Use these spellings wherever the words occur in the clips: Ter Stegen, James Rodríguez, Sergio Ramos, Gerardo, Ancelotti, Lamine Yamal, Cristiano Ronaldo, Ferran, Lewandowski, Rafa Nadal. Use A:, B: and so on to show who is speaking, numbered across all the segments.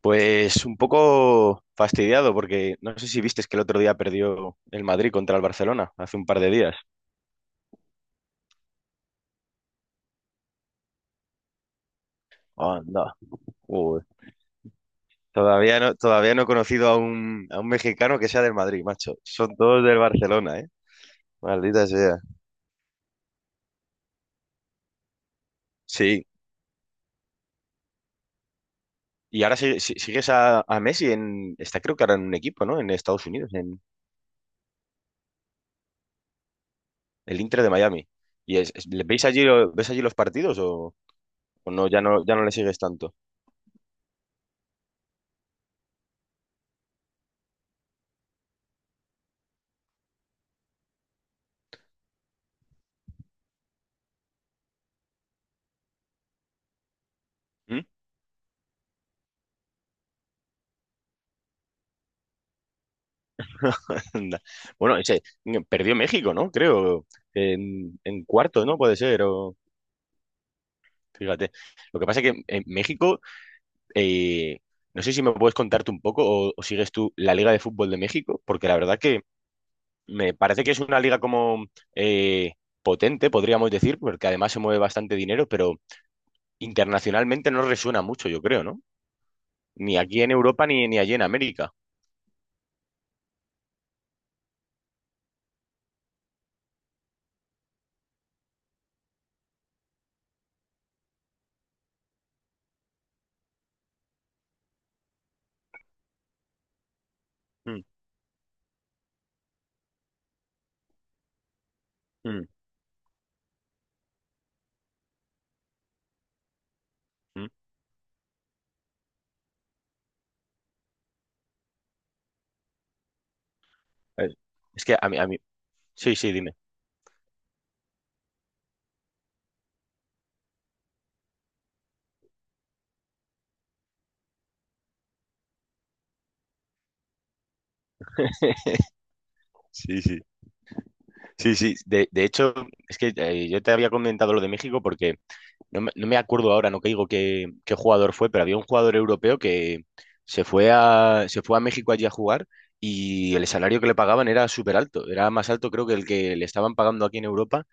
A: Pues un poco fastidiado porque no sé si viste que el otro día perdió el Madrid contra el Barcelona, hace un par de días. Anda. Uy. Todavía no, he conocido a un, mexicano que sea del Madrid, macho. Son todos del Barcelona, ¿eh? Maldita sea. Sí. Y ahora sigues a Messi está creo que ahora en un equipo, ¿no? En Estados Unidos, en el Inter de Miami. ¿Y ves allí los partidos o no, ya no le sigues tanto? Anda. Bueno, perdió México, ¿no? Creo, en cuarto, ¿no? Puede ser, o fíjate. Lo que pasa es que en México, eh, no sé si me puedes contarte un poco o sigues tú la Liga de Fútbol de México, porque la verdad que me parece que es una liga como eh, potente, podríamos decir, porque además se mueve bastante dinero, pero internacionalmente no resuena mucho, yo creo, ¿no? Ni aquí en Europa ni allí en América. Mm, mm, mm. Eh, Es que a mí, sí, sí, dime. Sí, sí. Sí, sí, de hecho, es que yo te había comentado lo de México porque no me acuerdo ahora, no caigo qué jugador fue, pero había un jugador europeo que se fue a México allí a jugar y el salario que le pagaban era súper alto, era más alto creo que el que le estaban pagando aquí en Europa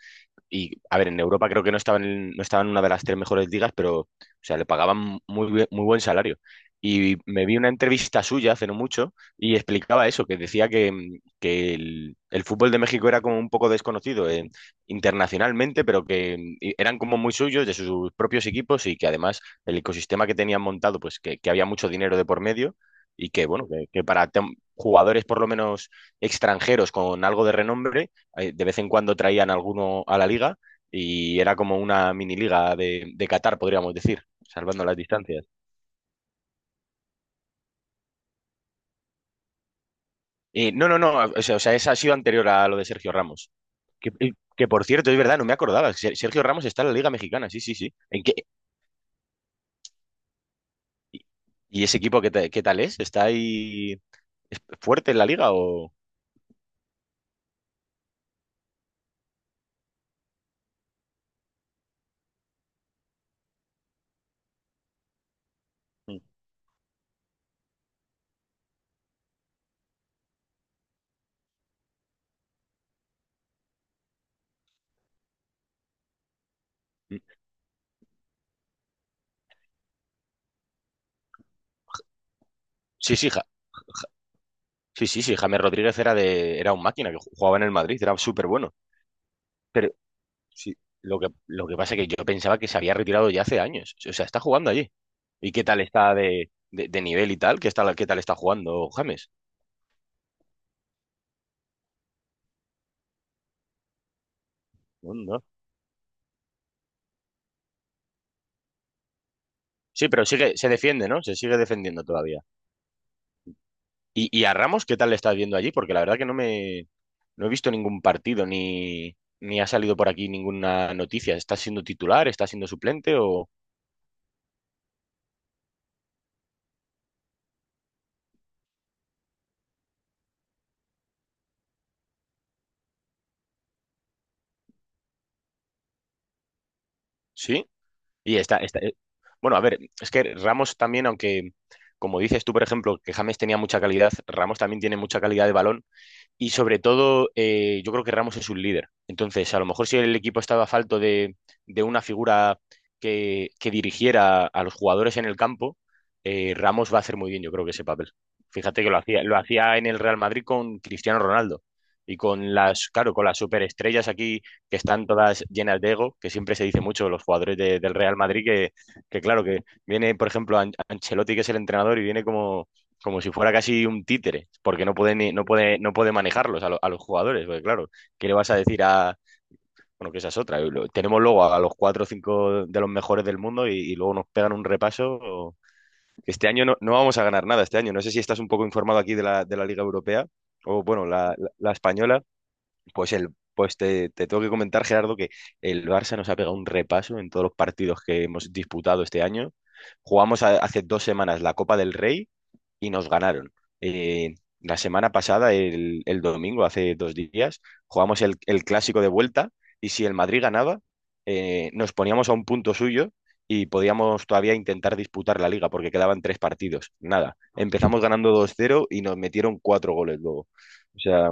A: y, a ver, en Europa creo que no estaba en una de las tres mejores ligas, pero, o sea, le pagaban muy buen salario. Y me vi una entrevista suya hace no mucho y explicaba eso, que decía que el fútbol de México era como un poco desconocido internacionalmente, pero y eran como muy suyos, de sus propios equipos y que además el ecosistema que tenían montado, pues que había mucho dinero de por medio y que, bueno, que para jugadores por lo menos extranjeros con algo de renombre, de vez en cuando traían alguno a la liga y era como una mini liga de Qatar, podríamos decir, salvando las distancias. No, no, no, o sea, esa ha sido anterior a lo de Sergio Ramos. Que, que, por cierto, es verdad, no me acordaba. Sergio Ramos está en la Liga Mexicana, sí, sí, sí. ¿Y ese equipo qué tal es? ¿Está ahí es fuerte en la liga o...? Sí, sí, sí, sí, sí, James Rodríguez era un máquina que jugaba en el Madrid, era súper bueno. Pero, sí, lo que pasa es que yo pensaba que se había retirado ya hace años. O sea, está jugando allí. ¿Y qué tal está de nivel y tal? ¿Qué tal está jugando James? No, no. Sí, pero sigue, se defiende, ¿no? Se sigue defendiendo todavía. ¿Y a Ramos qué tal le estás viendo allí? Porque la verdad que no he visto ningún partido ni ha salido por aquí ninguna noticia. ¿Está siendo titular? ¿Está siendo suplente? ¿O sí? Y está. Bueno, a ver, es que Ramos también, aunque como dices tú, por ejemplo, que James tenía mucha calidad, Ramos también tiene mucha calidad de balón. Y sobre todo, yo creo que Ramos es un líder. Entonces, a lo mejor si el equipo estaba falto de una figura que dirigiera a los jugadores en el campo, Ramos va a hacer muy bien, yo creo que ese papel. Fíjate que lo hacía en el Real Madrid con Cristiano Ronaldo y claro, con las superestrellas aquí que están todas llenas de ego, que siempre se dice mucho de los jugadores del Real Madrid, que claro, que viene, por ejemplo, Ancelotti, que es el entrenador, y viene como si fuera casi un títere, porque no puede, ni- no puede, no puede manejarlos a los jugadores, porque claro, ¿qué le vas a decir a... Bueno, que esa es otra. Tenemos luego a los cuatro o cinco de los mejores del mundo y luego nos pegan un repaso. Este año no vamos a ganar nada, este año. No sé si estás un poco informado aquí de la, Liga Europea o, bueno, la española. Pues, te tengo que comentar, Gerardo, que el Barça nos ha pegado un repaso en todos los partidos que hemos disputado este año. Jugamos hace 2 semanas la Copa del Rey y nos ganaron. Eh, la semana pasada, el domingo, hace 2 días, jugamos el clásico de vuelta y si el Madrid ganaba, nos poníamos a un punto suyo y podíamos todavía intentar disputar la liga porque quedaban tres partidos. Nada, empezamos ganando 2-0 y nos metieron cuatro goles luego. O sea,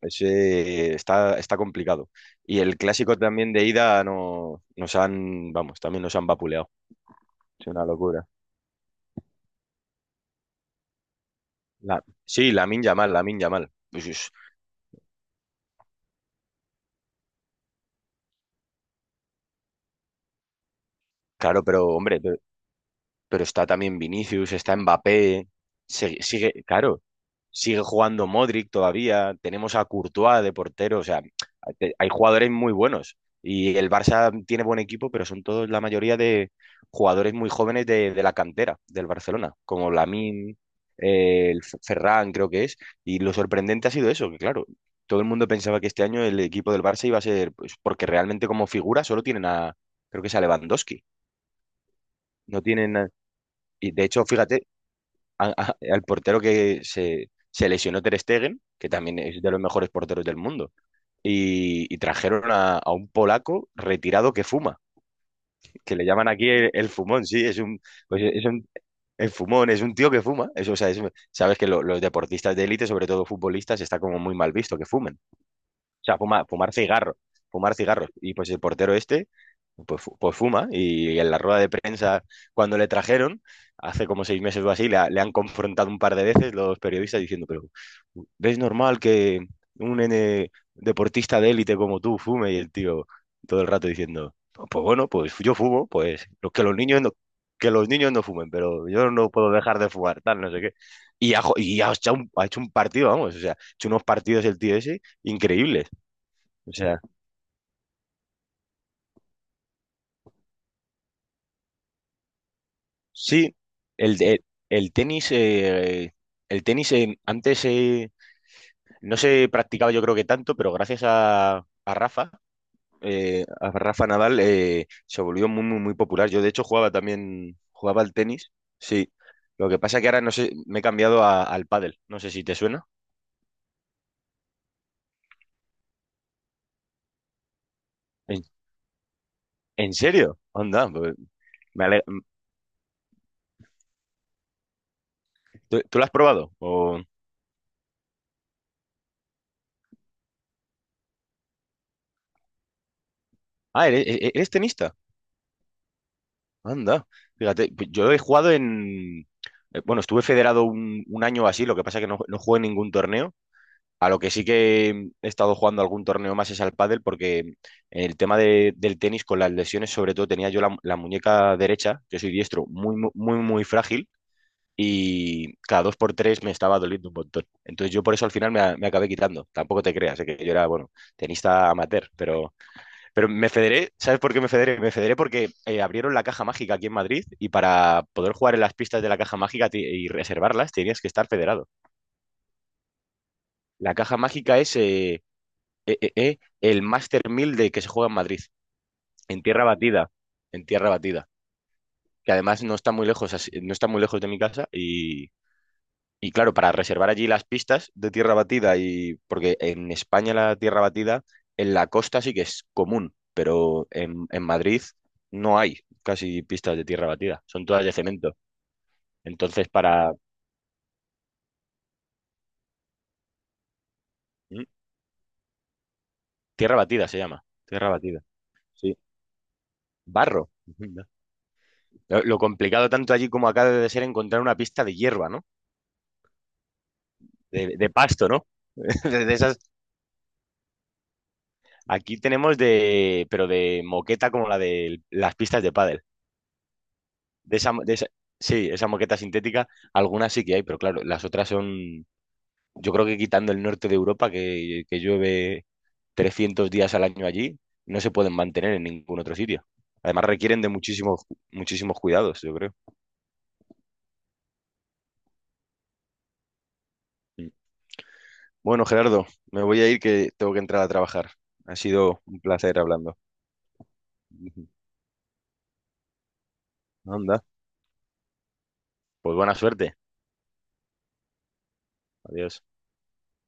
A: ese está complicado. Y el clásico también de ida no, nos han, vamos, también nos han vapuleado. Es una locura. Sí, Lamine Yamal, Lamine Yamal. Pues claro, pero hombre, pero, está también Vinicius, está Mbappé, claro, sigue jugando Modric todavía, tenemos a Courtois de portero, o sea, hay jugadores muy buenos y el Barça tiene buen equipo, pero son todos la mayoría de jugadores muy jóvenes de la cantera del Barcelona, como Lamine, el Ferran creo que es, y lo sorprendente ha sido eso, que claro, todo el mundo pensaba que este año el equipo del Barça iba a ser, pues, porque realmente como figura solo tienen a, creo que es a Lewandowski. No tienen, y de hecho, fíjate, al portero que se lesionó Ter Stegen, que también es de los mejores porteros del mundo, y trajeron a un polaco retirado que fuma, que le llaman aquí el fumón, sí, pues, el fumón, es un tío que fuma. Eso, o sea, sabes que los deportistas de élite, sobre todo futbolistas, está como muy mal visto que fumen. O sea, fumar cigarro, fumar cigarros. Y pues el portero este, pues, pues fuma. Y en la rueda de prensa, cuando le trajeron, hace como 6 meses o así, le han confrontado un par de veces los periodistas diciendo, pero ¿es normal que un N deportista de élite como tú fume? Y el tío todo el rato diciendo, pues bueno, pues yo fumo, pues los que los niños no, que los niños no fumen, pero yo no puedo dejar de fumar, tal, no sé qué. Y ha hecho un partido, vamos, o sea, ha hecho unos partidos el tío ese increíbles. O sea, sí, el, el, el tenis, antes no se practicaba yo creo que tanto, pero gracias a, a Rafa, a Rafa Nadal, se volvió muy, muy, muy popular. Yo de hecho jugaba también, jugaba al tenis, sí. Lo que pasa que ahora no sé, me he cambiado al pádel, no sé si te suena. ¿En, en serio? Onda, pues, me ale- ¿Tú lo has probado? O... Ah, ¿eres tenista? Anda, fíjate, pues yo he jugado bueno, estuve federado un año o así, lo que pasa es que no jugué en ningún torneo. A lo que sí que he estado jugando algún torneo más es al pádel, porque el tema del tenis con las lesiones, sobre todo tenía yo la, muñeca derecha, yo soy diestro, muy, muy, muy frágil, y cada dos por tres me estaba doliendo un montón. Entonces yo por eso al final me acabé quitando. Tampoco te creas, que yo era, bueno, tenista amateur, pero me federé, ¿sabes por qué me federé? Me federé porque abrieron la caja mágica aquí en Madrid y para poder jugar en las pistas de la caja mágica y reservarlas tenías que estar federado. La caja mágica es el Master 1000 de que se juega en Madrid, en tierra batida, en tierra batida, que además no está muy lejos, no está muy lejos de mi casa Y claro, para reservar allí las pistas de tierra batida, y porque en España la tierra batida en la costa sí que es común, pero en Madrid no hay casi pistas de tierra batida, son todas de cemento. Entonces, para... ¿Mm? Tierra batida se llama, tierra batida, sí. Barro. Lo complicado tanto allí como acá debe de ser encontrar una pista de hierba, ¿no? De pasto, ¿no? De esas... Aquí tenemos de... pero de moqueta como la de las pistas de pádel. De esa, de esa- sí, esa moqueta sintética, algunas sí que hay, pero claro, las otras son, yo creo que quitando el norte de Europa, que llueve 300 días al año allí, no se pueden mantener en ningún otro sitio. Además requieren de muchísimos, muchísimos cuidados, yo creo. Mm. Bueno, Gerardo, me voy a ir que tengo que entrar a trabajar. Ha sido un placer hablando. Anda, pues buena suerte. Adiós.